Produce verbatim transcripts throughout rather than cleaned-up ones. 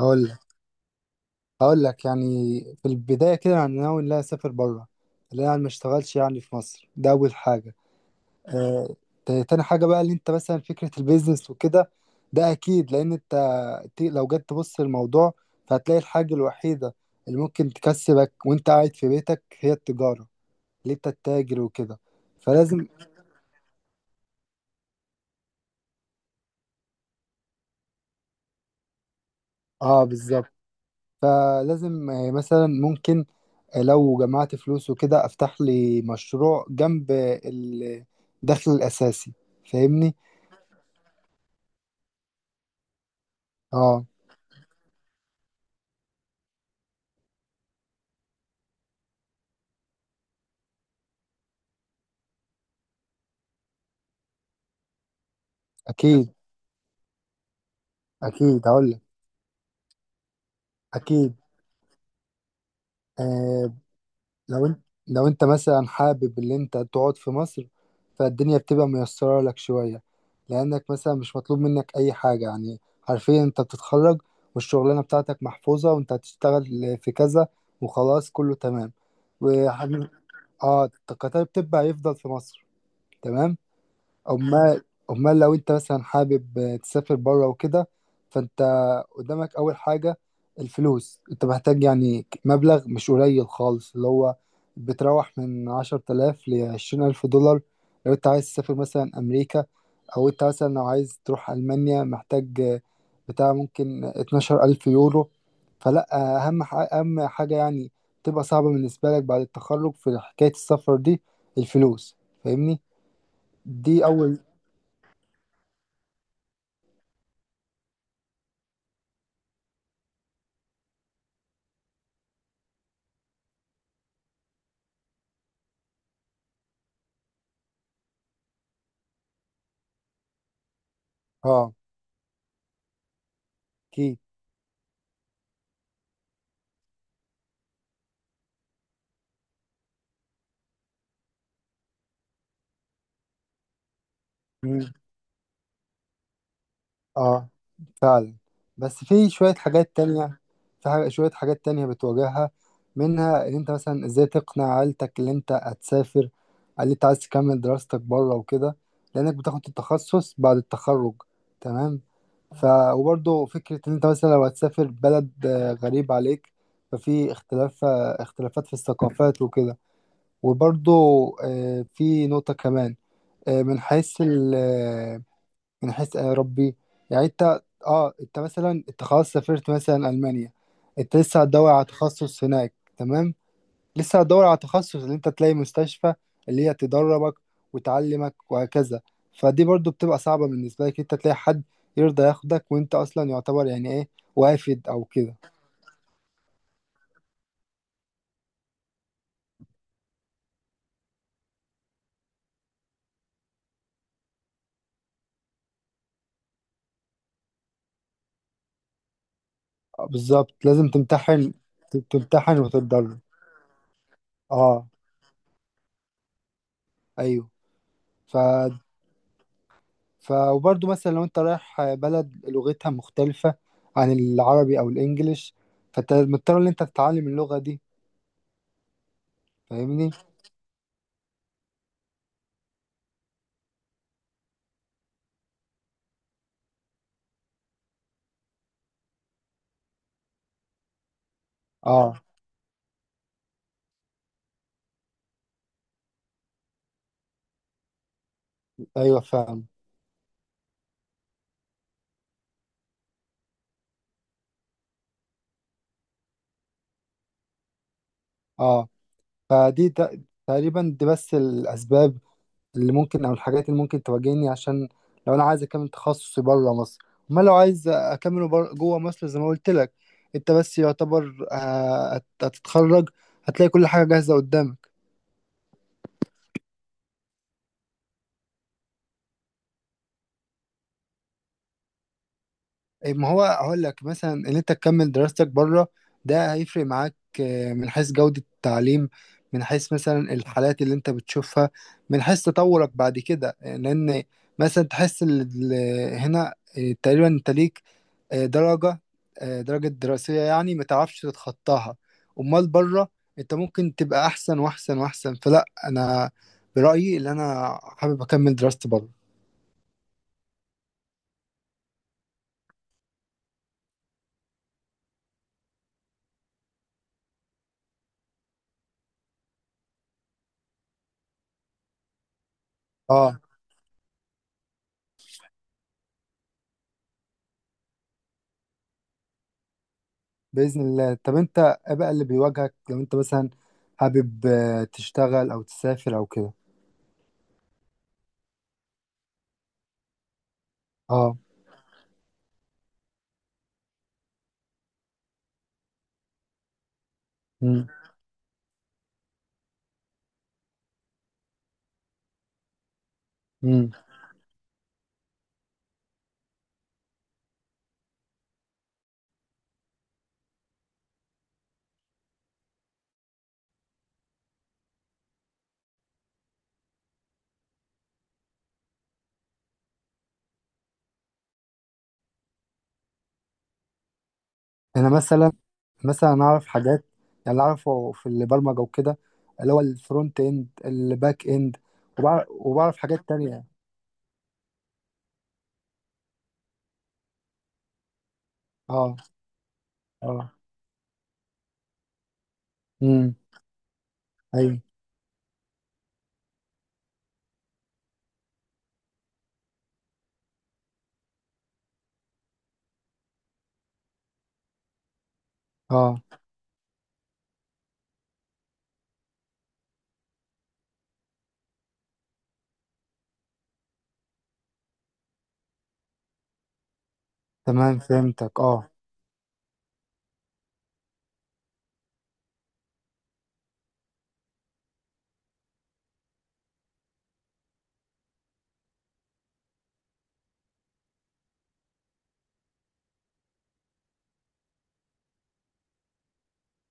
هقول لك هقول لك يعني، في البداية كده أنا ناوي إن أنا أسافر بره، اللي أنا ما اشتغلش يعني في مصر، ده أول حاجة. آه. تا- تاني حاجة بقى، اللي أنت مثلا فكرة البيزنس وكده، ده أكيد، لأن أنت، ت- لو جيت تبص للموضوع فهتلاقي الحاجة الوحيدة اللي ممكن تكسبك وأنت قاعد في بيتك هي التجارة، اللي أنت تتاجر وكده. فلازم. آه، بالظبط. فلازم آه، مثلا ممكن لو جمعت فلوس وكده افتح لي مشروع جنب الدخل الاساسي. فاهمني؟ اه، اكيد اكيد، هقول لك، اكيد، آه. لو انت لو انت مثلا حابب ان انت تقعد في مصر، فالدنيا بتبقى ميسرة لك شوية، لانك مثلا مش مطلوب منك اي حاجة، يعني حرفيا انت بتتخرج والشغلانة بتاعتك محفوظة وانت هتشتغل في كذا وخلاص كله تمام. وحن... اه، القطار بتبقى يفضل في مصر. تمام. امال امال لو انت مثلا حابب تسافر بره وكده، فانت قدامك اول حاجه الفلوس، انت محتاج يعني مبلغ مش قليل خالص، اللي هو بتروح من عشرة آلاف لعشرين ألف دولار لو انت عايز تسافر مثلا أمريكا، أو انت مثلا لو عايز تروح ألمانيا محتاج بتاع ممكن اتناشر ألف يورو. فلا، أهم ح- أهم حاجة يعني تبقى صعبة بالنسبة لك بعد التخرج في حكاية السفر دي، الفلوس. فاهمني؟ دي أول. اه، اكيد. مم. اه، فعلا، بس في شوية حاجات تانية. في حاجة شوية حاجات تانية بتواجهها، منها ان انت مثلا ازاي تقنع عيلتك ان انت هتسافر، ان انت عايز تكمل دراستك بره وكده، لانك بتاخد التخصص بعد التخرج. تمام. ف وبرضه فكرة ان انت مثلا لو هتسافر بلد آه، غريب عليك، ففي اختلاف آه، اختلافات في الثقافات وكده. وبرضه آه، في نقطة كمان، آه، من حيث من حيث آه، ربي، يعني انت، اه، انت مثلا انت خلاص سافرت مثلا المانيا، انت لسه هتدور على تخصص هناك. تمام. لسه هتدور على تخصص اللي انت تلاقي مستشفى اللي هي تدربك وتعلمك وهكذا. فدي برضو بتبقى صعبة بالنسبة لك، انت تلاقي حد يرضى ياخدك وانت اصلا يعتبر يعني ايه، وافد او كده. آه، بالظبط، لازم تمتحن، تمتحن وتتدرب. اه، ايوه. ف ف وبرضه مثلا لو انت رايح بلد لغتها مختلفة عن العربي او الانجليش، فانت مضطر ان انت تتعلم اللغة دي. فاهمني؟ اه، ايوه، فاهم. اه. فدي ت- تقريبا دي بس الاسباب اللي ممكن او الحاجات اللي ممكن تواجهني عشان لو انا عايز اكمل تخصصي بره مصر. امال لو عايز اكمله بر- جوه مصر زي ما قلت لك، انت بس يعتبر آه، هت- هتتخرج، هتلاقي كل حاجة جاهزة قدامك. إيه، ما هو هقول لك مثلا ان انت تكمل دراستك بره، ده هيفرق معاك آه، من حيث جودة التعليم، من حيث مثلا الحالات اللي انت بتشوفها، من حيث تطورك بعد كده، آه، لان مثلا تحس ال- ال- هنا آه، تقريبا انت ليك آه، درجة آه، درجة دراسية يعني ما تعرفش تتخطاها. امال بره انت ممكن تبقى احسن واحسن واحسن، فلا انا برأيي اللي انا حابب اكمل دراستي بره. اه، بإذن الله. طب انت ايه بقى اللي بيواجهك لو انت مثلا حابب آه، تشتغل او تسافر او كده؟ اه. امم امم انا مثلا مثلا انا اعرف حاجات، يعني اللي اعرفه في البرمجة وكده، اللي هو الفرونت اند الباك اند. وبعرف, وبعرف حاجات تانية. اه. اه. امم. ايوه. اه، تمام فهمتك. اه.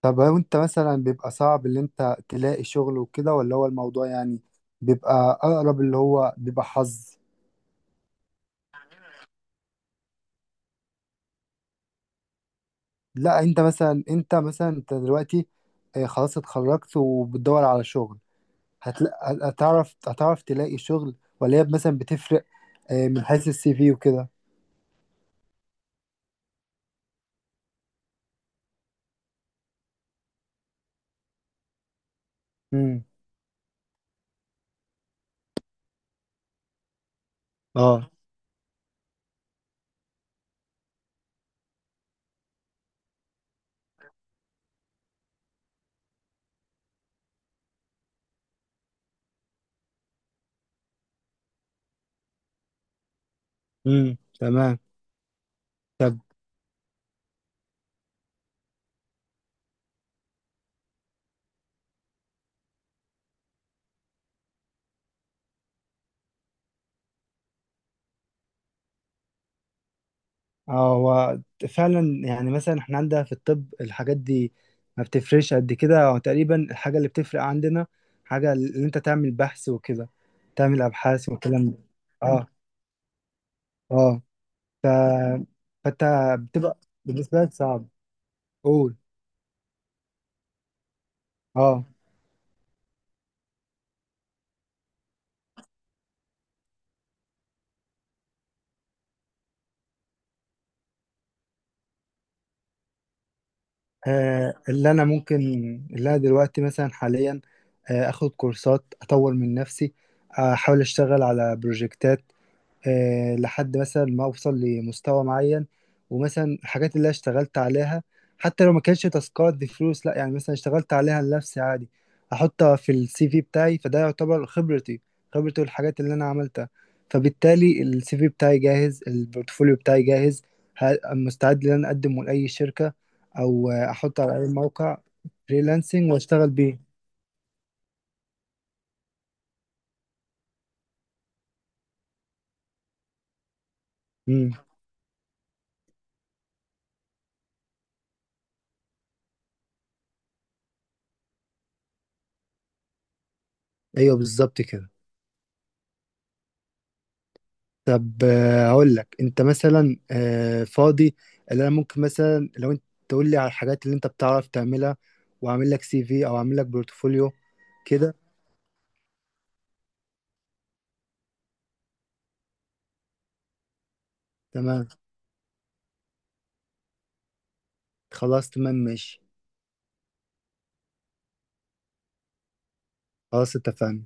طب لو انت مثلا بيبقى صعب اللي انت تلاقي شغل وكده، ولا هو الموضوع يعني بيبقى اقرب اللي هو بيبقى حظ؟ لا، انت مثلا انت مثلا انت دلوقتي آه، خلاص اتخرجت وبتدور على شغل، هتلاقي، هتعرف هتعرف تلاقي شغل، ولا هي مثلا بتفرق آه، من حيث السي في وكده؟ امم. اه. امم. تمام. طب. اه، هو فعلا، يعني مثلا احنا عندنا في الطب الحاجات دي ما بتفرقش قد كده، هو تقريبا الحاجة اللي بتفرق عندنا حاجة اللي انت تعمل بحث وكده، تعمل ابحاث والكلام ده. اه. اه. ف... فانت بتبقى بالنسبة لك صعب. قول. اه. آه، اللي انا ممكن اللي انا دلوقتي مثلا حاليا آه، اخد كورسات اطور من نفسي، آه، احاول اشتغل على بروجكتات، آه، لحد مثلا ما اوصل لمستوى معين. ومثلا الحاجات اللي أنا اشتغلت عليها حتى لو ما كانش تاسكات بفلوس، لا يعني مثلا اشتغلت عليها لنفسي عادي، احطها في السي في بتاعي فده يعتبر خبرتي، خبرتي والحاجات اللي انا عملتها. فبالتالي السي في بتاعي جاهز، البورتفوليو بتاعي جاهز، ه- مستعد ان انا اقدمه لاي شركة او آه، احطه على اي موقع فريلانسنج واشتغل بيه. امم. ايوه، بالظبط كده. طب آه، هقول لك، انت مثلا آه، فاضي؟ اللي انا ممكن مثلا لو انت تقول لي على الحاجات اللي انت بتعرف تعملها، واعمل لك سي في او اعمل لك بورتفوليو. كده تمام. خلاص، تمام، ماشي. خلاص، اتفقنا.